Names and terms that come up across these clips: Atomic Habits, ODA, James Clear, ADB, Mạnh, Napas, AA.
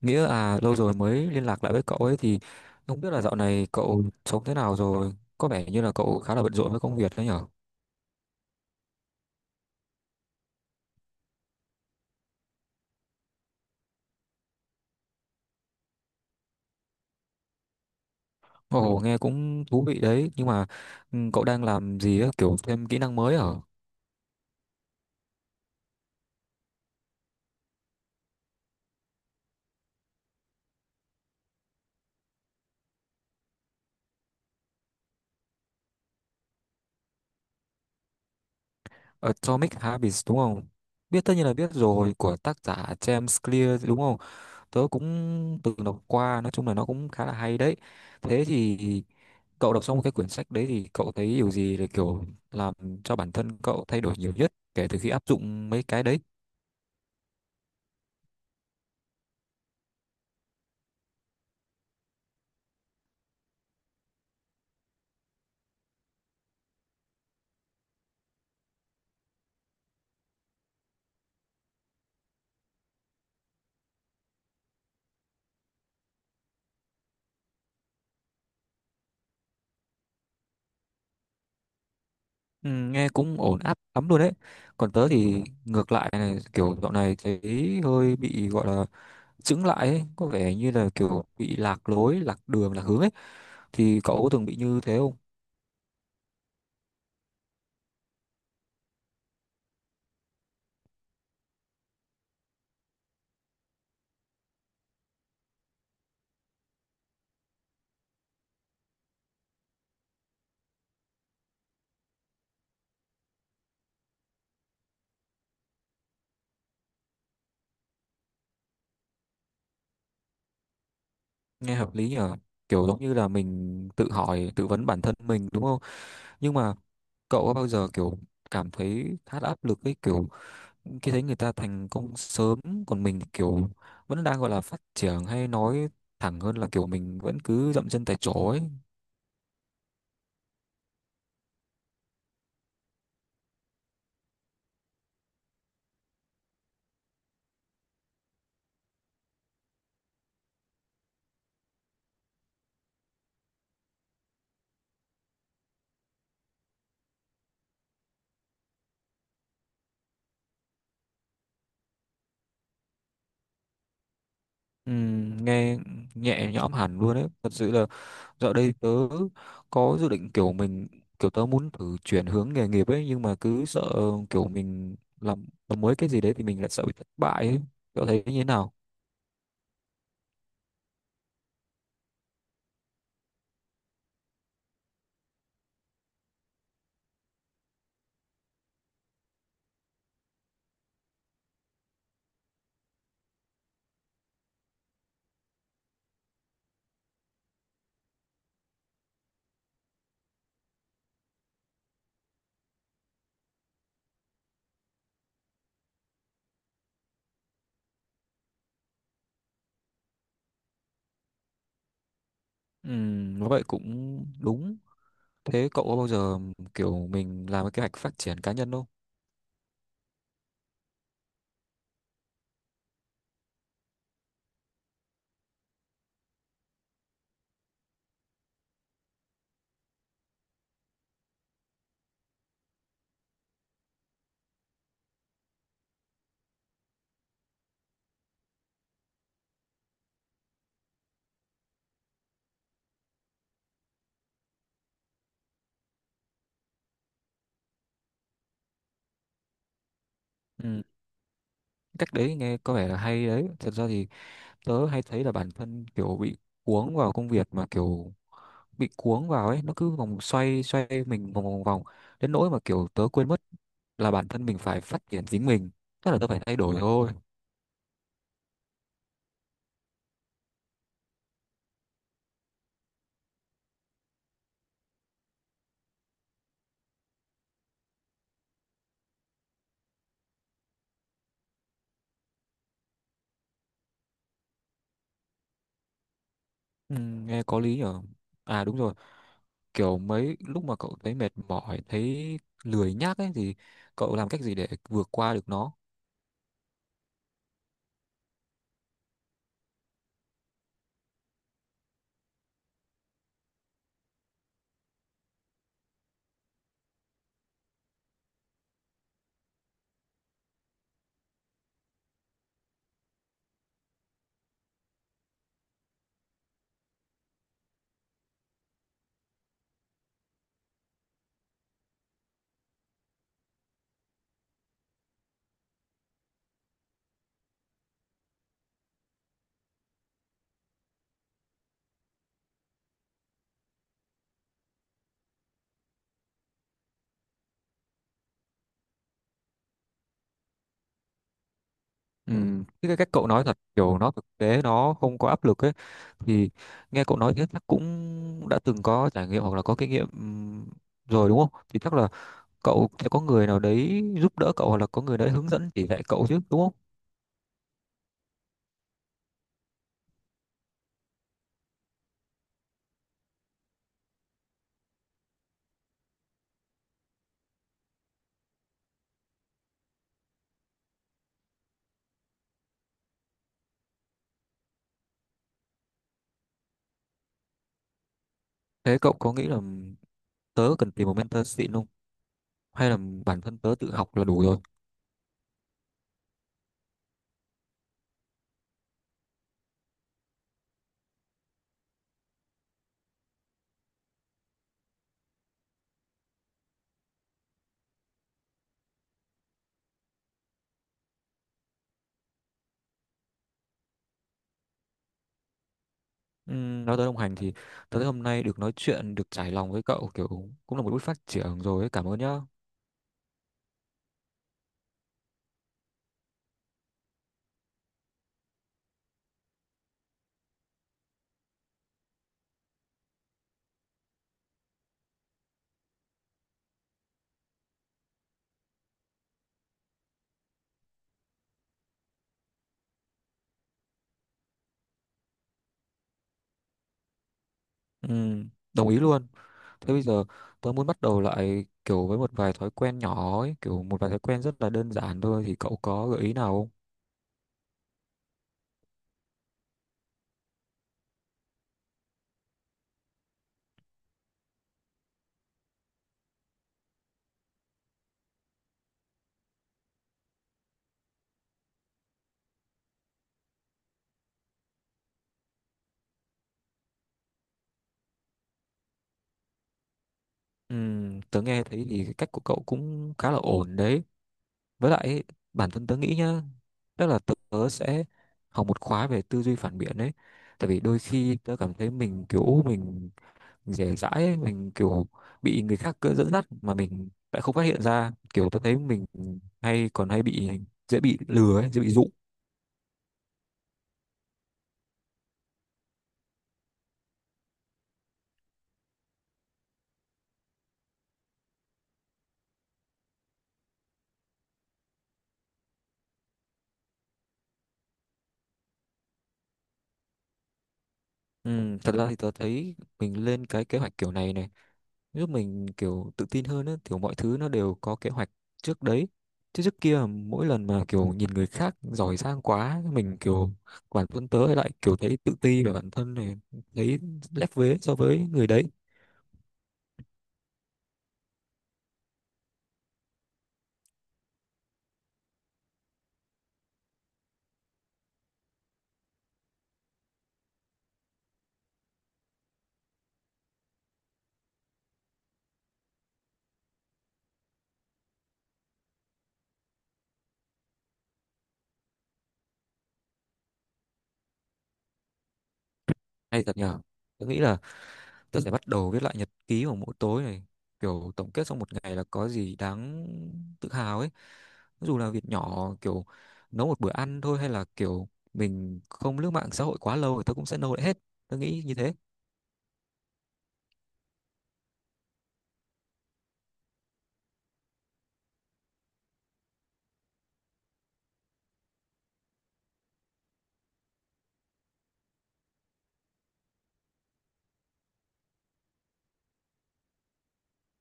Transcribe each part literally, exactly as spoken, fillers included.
Nghĩa à, lâu rồi mới liên lạc lại với cậu ấy thì không biết là dạo này cậu sống thế nào rồi. Có vẻ như là cậu khá là bận rộn với công việc đấy nhở? Ồ nghe cũng thú vị đấy. Nhưng mà ừ, cậu đang làm gì á? Kiểu thêm kỹ năng mới ở Atomic Habits đúng không? Biết, tất nhiên là biết rồi, của tác giả James Clear đúng không? Tớ cũng từng đọc qua. Nói chung là nó cũng khá là hay đấy. Thế thì cậu đọc xong cái quyển sách đấy thì cậu thấy điều gì là kiểu làm cho bản thân cậu thay đổi nhiều nhất kể từ khi áp dụng mấy cái đấy? Ừ, nghe cũng ổn áp lắm luôn đấy. Còn tớ thì ngược lại này, kiểu dạo này thấy hơi bị gọi là chững lại ấy, có vẻ như là kiểu bị lạc lối, lạc đường, lạc hướng ấy, thì cậu có từng bị như thế không? Nghe hợp lý nhở, kiểu giống như là mình tự hỏi, tự vấn bản thân mình đúng không? Nhưng mà cậu có bao giờ kiểu cảm thấy khá là áp lực ấy, kiểu khi thấy người ta thành công sớm còn mình thì kiểu vẫn đang gọi là phát triển, hay nói thẳng hơn là kiểu mình vẫn cứ dậm chân tại chỗ ấy? Ừm, nghe nhẹ nhõm hẳn luôn đấy, thật sự là dạo đây tớ có dự định kiểu mình, kiểu tớ muốn thử chuyển hướng nghề nghiệp ấy, nhưng mà cứ sợ kiểu mình làm làm mới cái gì đấy thì mình lại sợ bị thất bại ấy. Cậu thấy như thế nào? Ừm, nói vậy cũng đúng. Thế cậu có bao giờ kiểu mình làm cái kế hoạch phát triển cá nhân không? Ừm, cách đấy nghe có vẻ là hay đấy. Thật ra thì tớ hay thấy là bản thân kiểu bị cuống vào công việc, mà kiểu bị cuống vào ấy nó cứ vòng xoay, xoay mình vòng vòng vòng đến nỗi mà kiểu tớ quên mất là bản thân mình phải phát triển chính mình, tức là tớ phải thay đổi thôi. Ừ, nghe có lý nhở. À đúng rồi, kiểu mấy lúc mà cậu thấy mệt mỏi, thấy lười nhác ấy thì cậu làm cách gì để vượt qua được nó? Ừ, cái cách cậu nói thật kiểu nó thực tế, nó không có áp lực ấy, thì nghe cậu nói thế chắc cũng đã từng có trải nghiệm hoặc là có kinh nghiệm ừm, rồi đúng không, thì chắc là cậu sẽ có người nào đấy giúp đỡ cậu hoặc là có người đấy hướng dẫn chỉ dạy cậu chứ đúng không? Thế cậu có nghĩ là tớ cần tìm một mentor xịn không, hay là bản thân tớ tự học là đủ rồi? Ừm, nói tới đồng hành thì tớ thấy hôm nay được nói chuyện, được trải lòng với cậu kiểu cũng là một bước phát triển rồi ấy. Cảm ơn nhá. Ừm, đồng ý luôn. Thế bây giờ tớ muốn bắt đầu lại kiểu với một vài thói quen nhỏ ấy, kiểu một vài thói quen rất là đơn giản thôi, thì cậu có gợi ý nào không? Ừm, tớ nghe thấy thì cái cách của cậu cũng khá là ổn đấy. Với lại ấy, bản thân tớ nghĩ nhá, tức là tớ sẽ học một khóa về tư duy phản biện đấy. Tại vì đôi khi tớ cảm thấy mình kiểu mình dễ dãi ấy, mình kiểu bị người khác cứ dẫn dắt mà mình lại không phát hiện ra. Kiểu tớ thấy mình hay còn hay bị, dễ bị lừa ấy, dễ bị dụ. Ừ, thật ra thì tớ thấy mình lên cái kế hoạch kiểu này này giúp mình kiểu tự tin hơn á, kiểu mọi thứ nó đều có kế hoạch trước đấy, chứ trước kia mỗi lần mà kiểu nhìn người khác giỏi giang quá mình kiểu, bản thân tớ lại kiểu thấy tự ti về bản thân này, thấy lép vế so với người đấy. Hay thật nhở. Tớ nghĩ là tớ sẽ bắt đầu viết lại nhật ký vào mỗi tối này, kiểu tổng kết sau một ngày là có gì đáng tự hào ấy, dù là việc nhỏ, kiểu nấu một bữa ăn thôi hay là kiểu mình không lướt mạng xã hội quá lâu thì tớ cũng sẽ nâu lại hết. Tớ nghĩ như thế.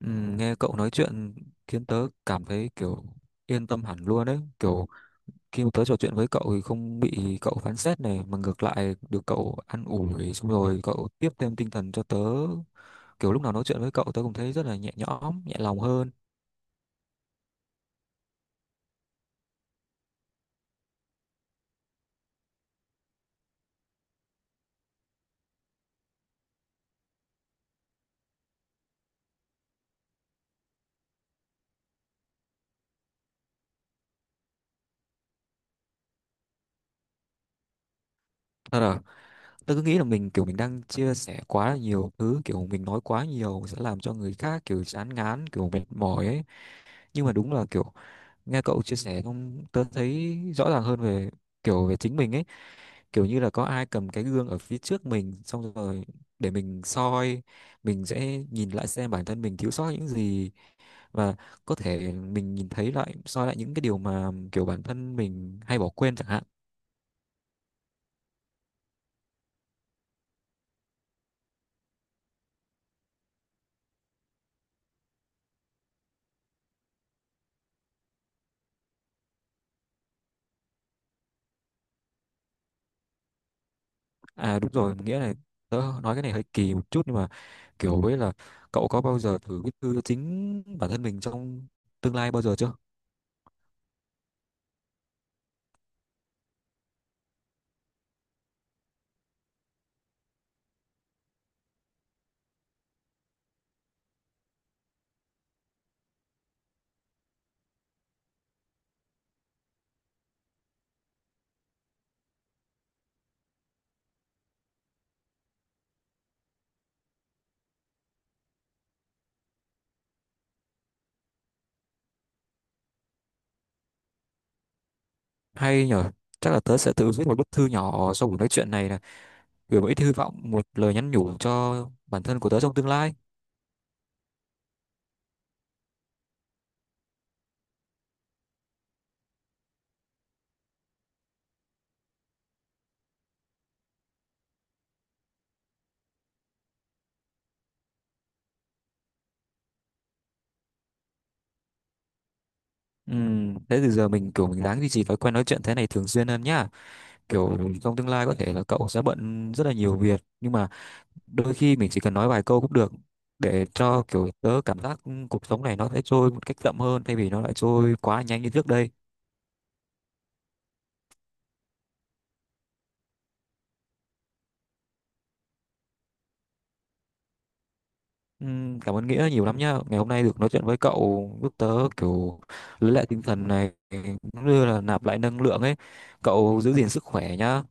Ừ, nghe cậu nói chuyện khiến tớ cảm thấy kiểu yên tâm hẳn luôn đấy. Kiểu khi mà tớ trò chuyện với cậu thì không bị cậu phán xét này, mà ngược lại được cậu an ủi, xong rồi cậu tiếp thêm tinh thần cho tớ. Kiểu lúc nào nói chuyện với cậu tớ cũng thấy rất là nhẹ nhõm, nhẹ lòng hơn. Thật à, tớ cứ nghĩ là mình kiểu mình đang chia sẻ quá là nhiều thứ, kiểu mình nói quá nhiều sẽ làm cho người khác kiểu chán ngán, kiểu mệt mỏi ấy. Nhưng mà đúng là kiểu nghe cậu chia sẻ xong tớ thấy rõ ràng hơn về kiểu về chính mình ấy, kiểu như là có ai cầm cái gương ở phía trước mình xong rồi để mình soi, mình sẽ nhìn lại xem bản thân mình thiếu sót những gì, và có thể mình nhìn thấy lại, soi lại những cái điều mà kiểu bản thân mình hay bỏ quên chẳng hạn. À đúng rồi Nghĩa, là tớ nói cái này hơi kỳ một chút nhưng mà kiểu với là cậu có bao giờ thử viết thư chính bản thân mình trong tương lai bao giờ chưa? Hay nhở. Chắc là tớ sẽ tự viết một bức thư nhỏ sau buổi nói chuyện này, là gửi một ít hy vọng, một lời nhắn nhủ cho bản thân của tớ trong tương lai. Ừ, thế từ giờ mình kiểu mình ráng duy trì thói quen nói chuyện thế này thường xuyên hơn nhá. Kiểu trong tương lai có thể là cậu sẽ bận rất là nhiều việc, nhưng mà đôi khi mình chỉ cần nói vài câu cũng được, để cho kiểu tớ cảm giác cuộc sống này nó sẽ trôi một cách chậm hơn thay vì nó lại trôi quá nhanh như trước đây. Ừ, cảm ơn Nghĩa nhiều lắm nhá. Ngày hôm nay được nói chuyện với cậu giúp tớ kiểu lấy lại tinh thần này, cũng như là nạp lại năng lượng ấy. Cậu giữ gìn sức khỏe nhá.